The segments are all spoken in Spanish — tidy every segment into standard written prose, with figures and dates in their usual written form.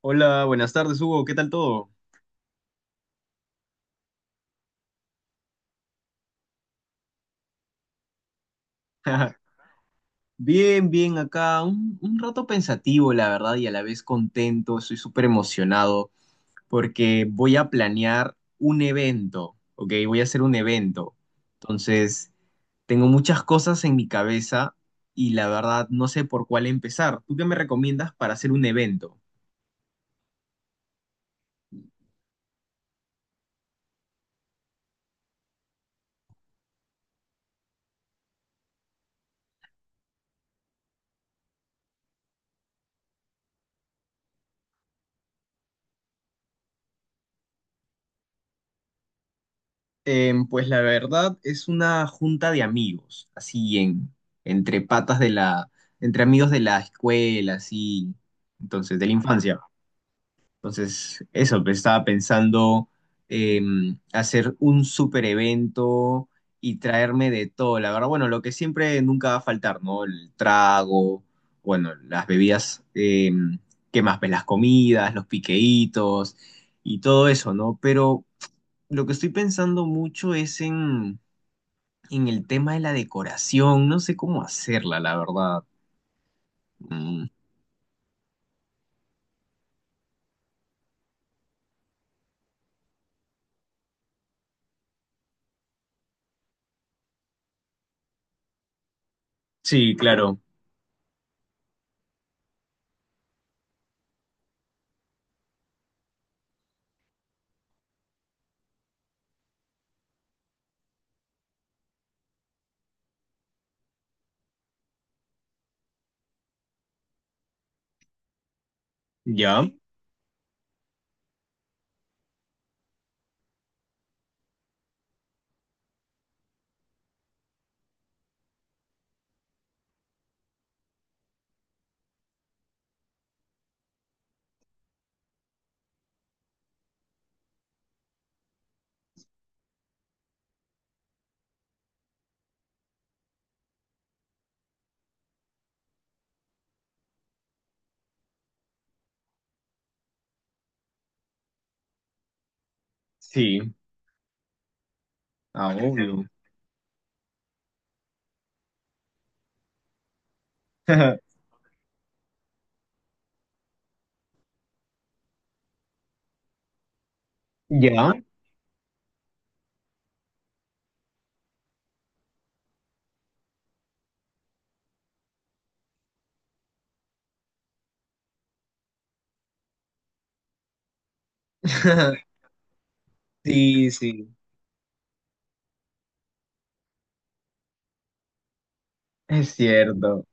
Hola, buenas tardes, Hugo. ¿Qué tal todo? Bien, bien, acá un rato pensativo, la verdad, y a la vez contento. Estoy súper emocionado porque voy a planear un evento, ¿ok? Voy a hacer un evento. Entonces, tengo muchas cosas en mi cabeza y la verdad no sé por cuál empezar. ¿Tú qué me recomiendas para hacer un evento? Pues la verdad es una junta de amigos, así en, entre patas de la, entre amigos de la escuela, así, entonces, de la infancia. Entonces, eso, pues, estaba pensando hacer un super evento y traerme de todo, la verdad, bueno, lo que siempre nunca va a faltar, ¿no? El trago, bueno, las bebidas, ¿qué más? Pues las comidas, los piqueitos y todo eso, ¿no? Pero lo que estoy pensando mucho es en el tema de la decoración. No sé cómo hacerla, la verdad. Mm, Sí, claro. ¿Ya? Sí. Ah, obvio. ¿Ya? Sí, sí. Es cierto.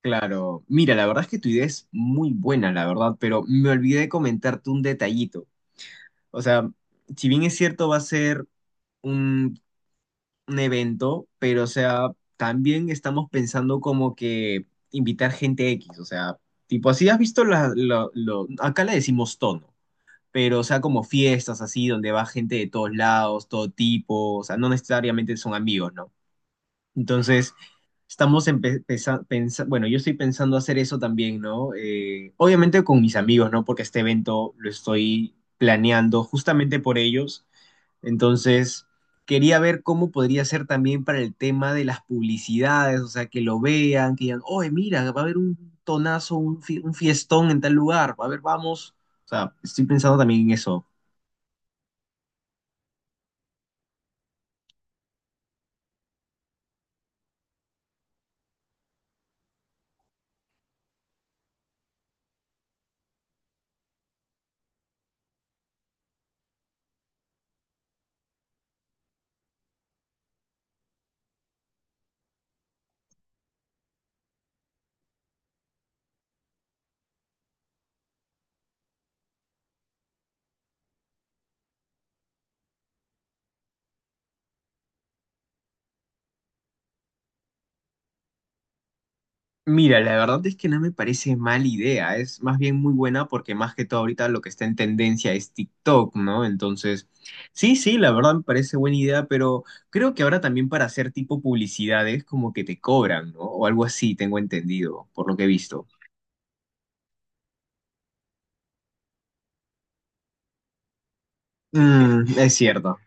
Claro. Mira, la verdad es que tu idea es muy buena, la verdad, pero me olvidé de comentarte un detallito. O sea, si bien es cierto, va a ser un un evento, pero o sea, también estamos pensando como que invitar gente X, o sea, tipo así, has visto la, acá le decimos tono, pero o sea, como fiestas así, donde va gente de todos lados, todo tipo, o sea, no necesariamente son amigos, ¿no? Entonces, estamos empezando, bueno, yo estoy pensando hacer eso también, ¿no? Obviamente con mis amigos, ¿no? Porque este evento lo estoy planeando justamente por ellos entonces, quería ver cómo podría ser también para el tema de las publicidades, o sea, que lo vean, que digan, oye, mira, va a haber un tonazo, un, un fiestón en tal lugar, va a haber, vamos. O sea, estoy pensando también en eso. Mira, la verdad es que no me parece mala idea, es más bien muy buena porque más que todo ahorita lo que está en tendencia es TikTok, ¿no? Entonces, sí, sí, la verdad me parece buena idea, pero creo que ahora también para hacer tipo publicidades como que te cobran, ¿no? O algo así, tengo entendido, por lo que he visto. Mm, es cierto.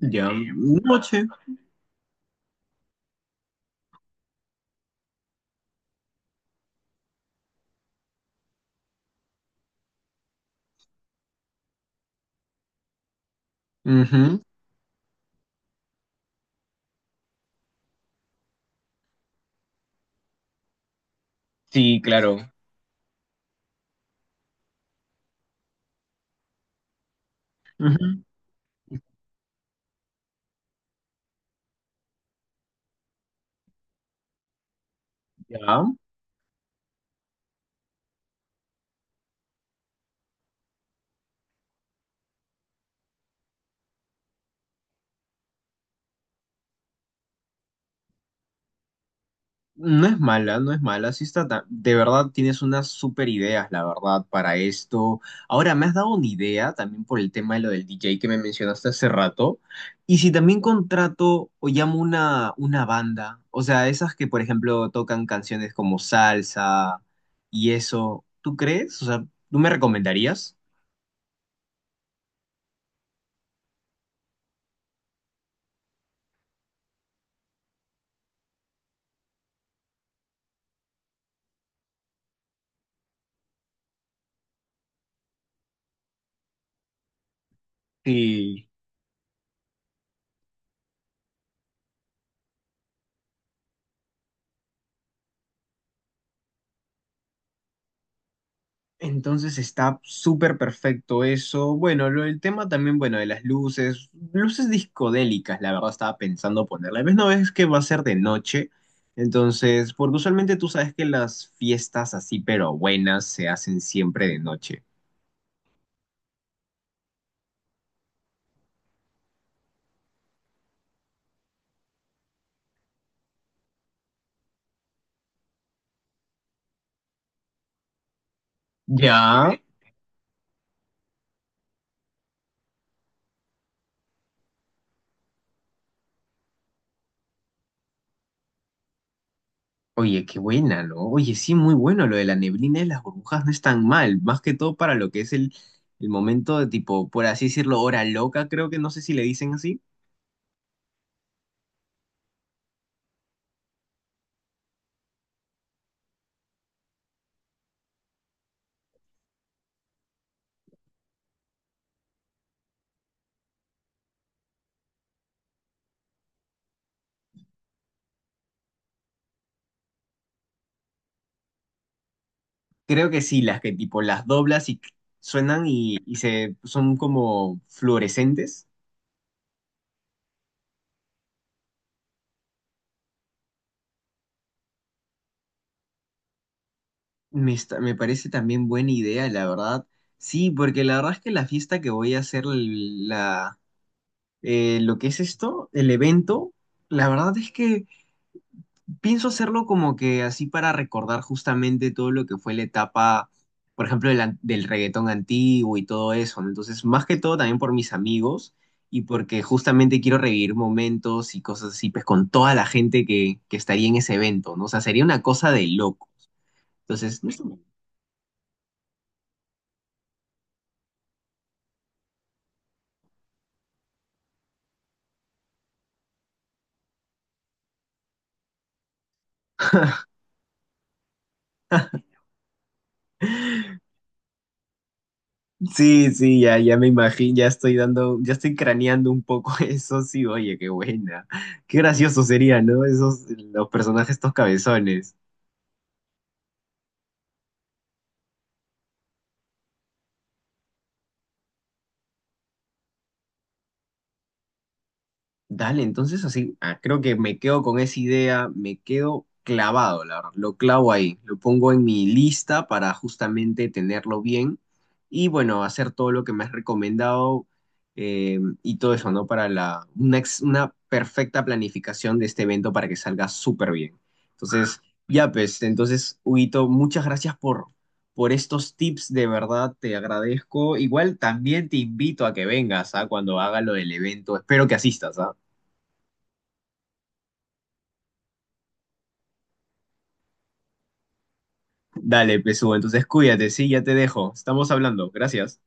Ya. Noche. Ujú. Sí, claro. Ujú. Ya. No es mala, no es mala. Sí está De verdad tienes unas super ideas, la verdad, para esto. Ahora, me has dado una idea también por el tema de lo del DJ que me mencionaste hace rato. Y si también contrato o llamo una banda, o sea, esas que, por ejemplo, tocan canciones como salsa y eso, ¿tú crees? O sea, ¿tú me recomendarías? Sí. Entonces está súper perfecto eso. Bueno, lo, el tema también, bueno, de las luces, luces discodélicas, la verdad estaba pensando ponerla. Ves, no es que va a ser de noche, entonces, porque usualmente tú sabes que las fiestas así, pero buenas, se hacen siempre de noche. Ya. Oye, qué buena, ¿no? Oye, sí, muy bueno lo de la neblina y las burbujas no es tan mal, más que todo para lo que es el momento de tipo, por así decirlo, hora loca, creo que no sé si le dicen así. Creo que sí, las que tipo las doblas y suenan y se son como fluorescentes. Me parece también buena idea, la verdad. Sí, porque la verdad es que la fiesta que voy a hacer, la, lo que es esto, el evento, la verdad es que pienso hacerlo como que así para recordar justamente todo lo que fue la etapa, por ejemplo, del reggaetón antiguo y todo eso, ¿no? Entonces, más que todo también por mis amigos y porque justamente quiero revivir momentos y cosas así, pues con toda la gente que estaría en ese evento, ¿no? O sea, sería una cosa de loco. Entonces, no sé. sí, sí, ya, ya me imagino, ya estoy dando, ya estoy craneando un poco eso, sí, oye, qué buena. Qué gracioso sería, ¿no? Esos, los personajes, estos cabezones. Dale, entonces así, ah, creo que me quedo con esa idea, me quedo clavado, la verdad, lo clavo ahí, lo pongo en mi lista para justamente tenerlo bien y bueno, hacer todo lo que me has recomendado y todo eso, ¿no? Para la, una, una perfecta planificación de este evento para que salga súper bien. Entonces, ya pues, entonces, Huguito, muchas gracias por estos tips, de verdad te agradezco. Igual también te invito a que vengas, ¿ah? Cuando haga lo del evento. Espero que asistas, ¿ah? Dale, Pesú, entonces cuídate, sí, ya te dejo. Estamos hablando. Gracias.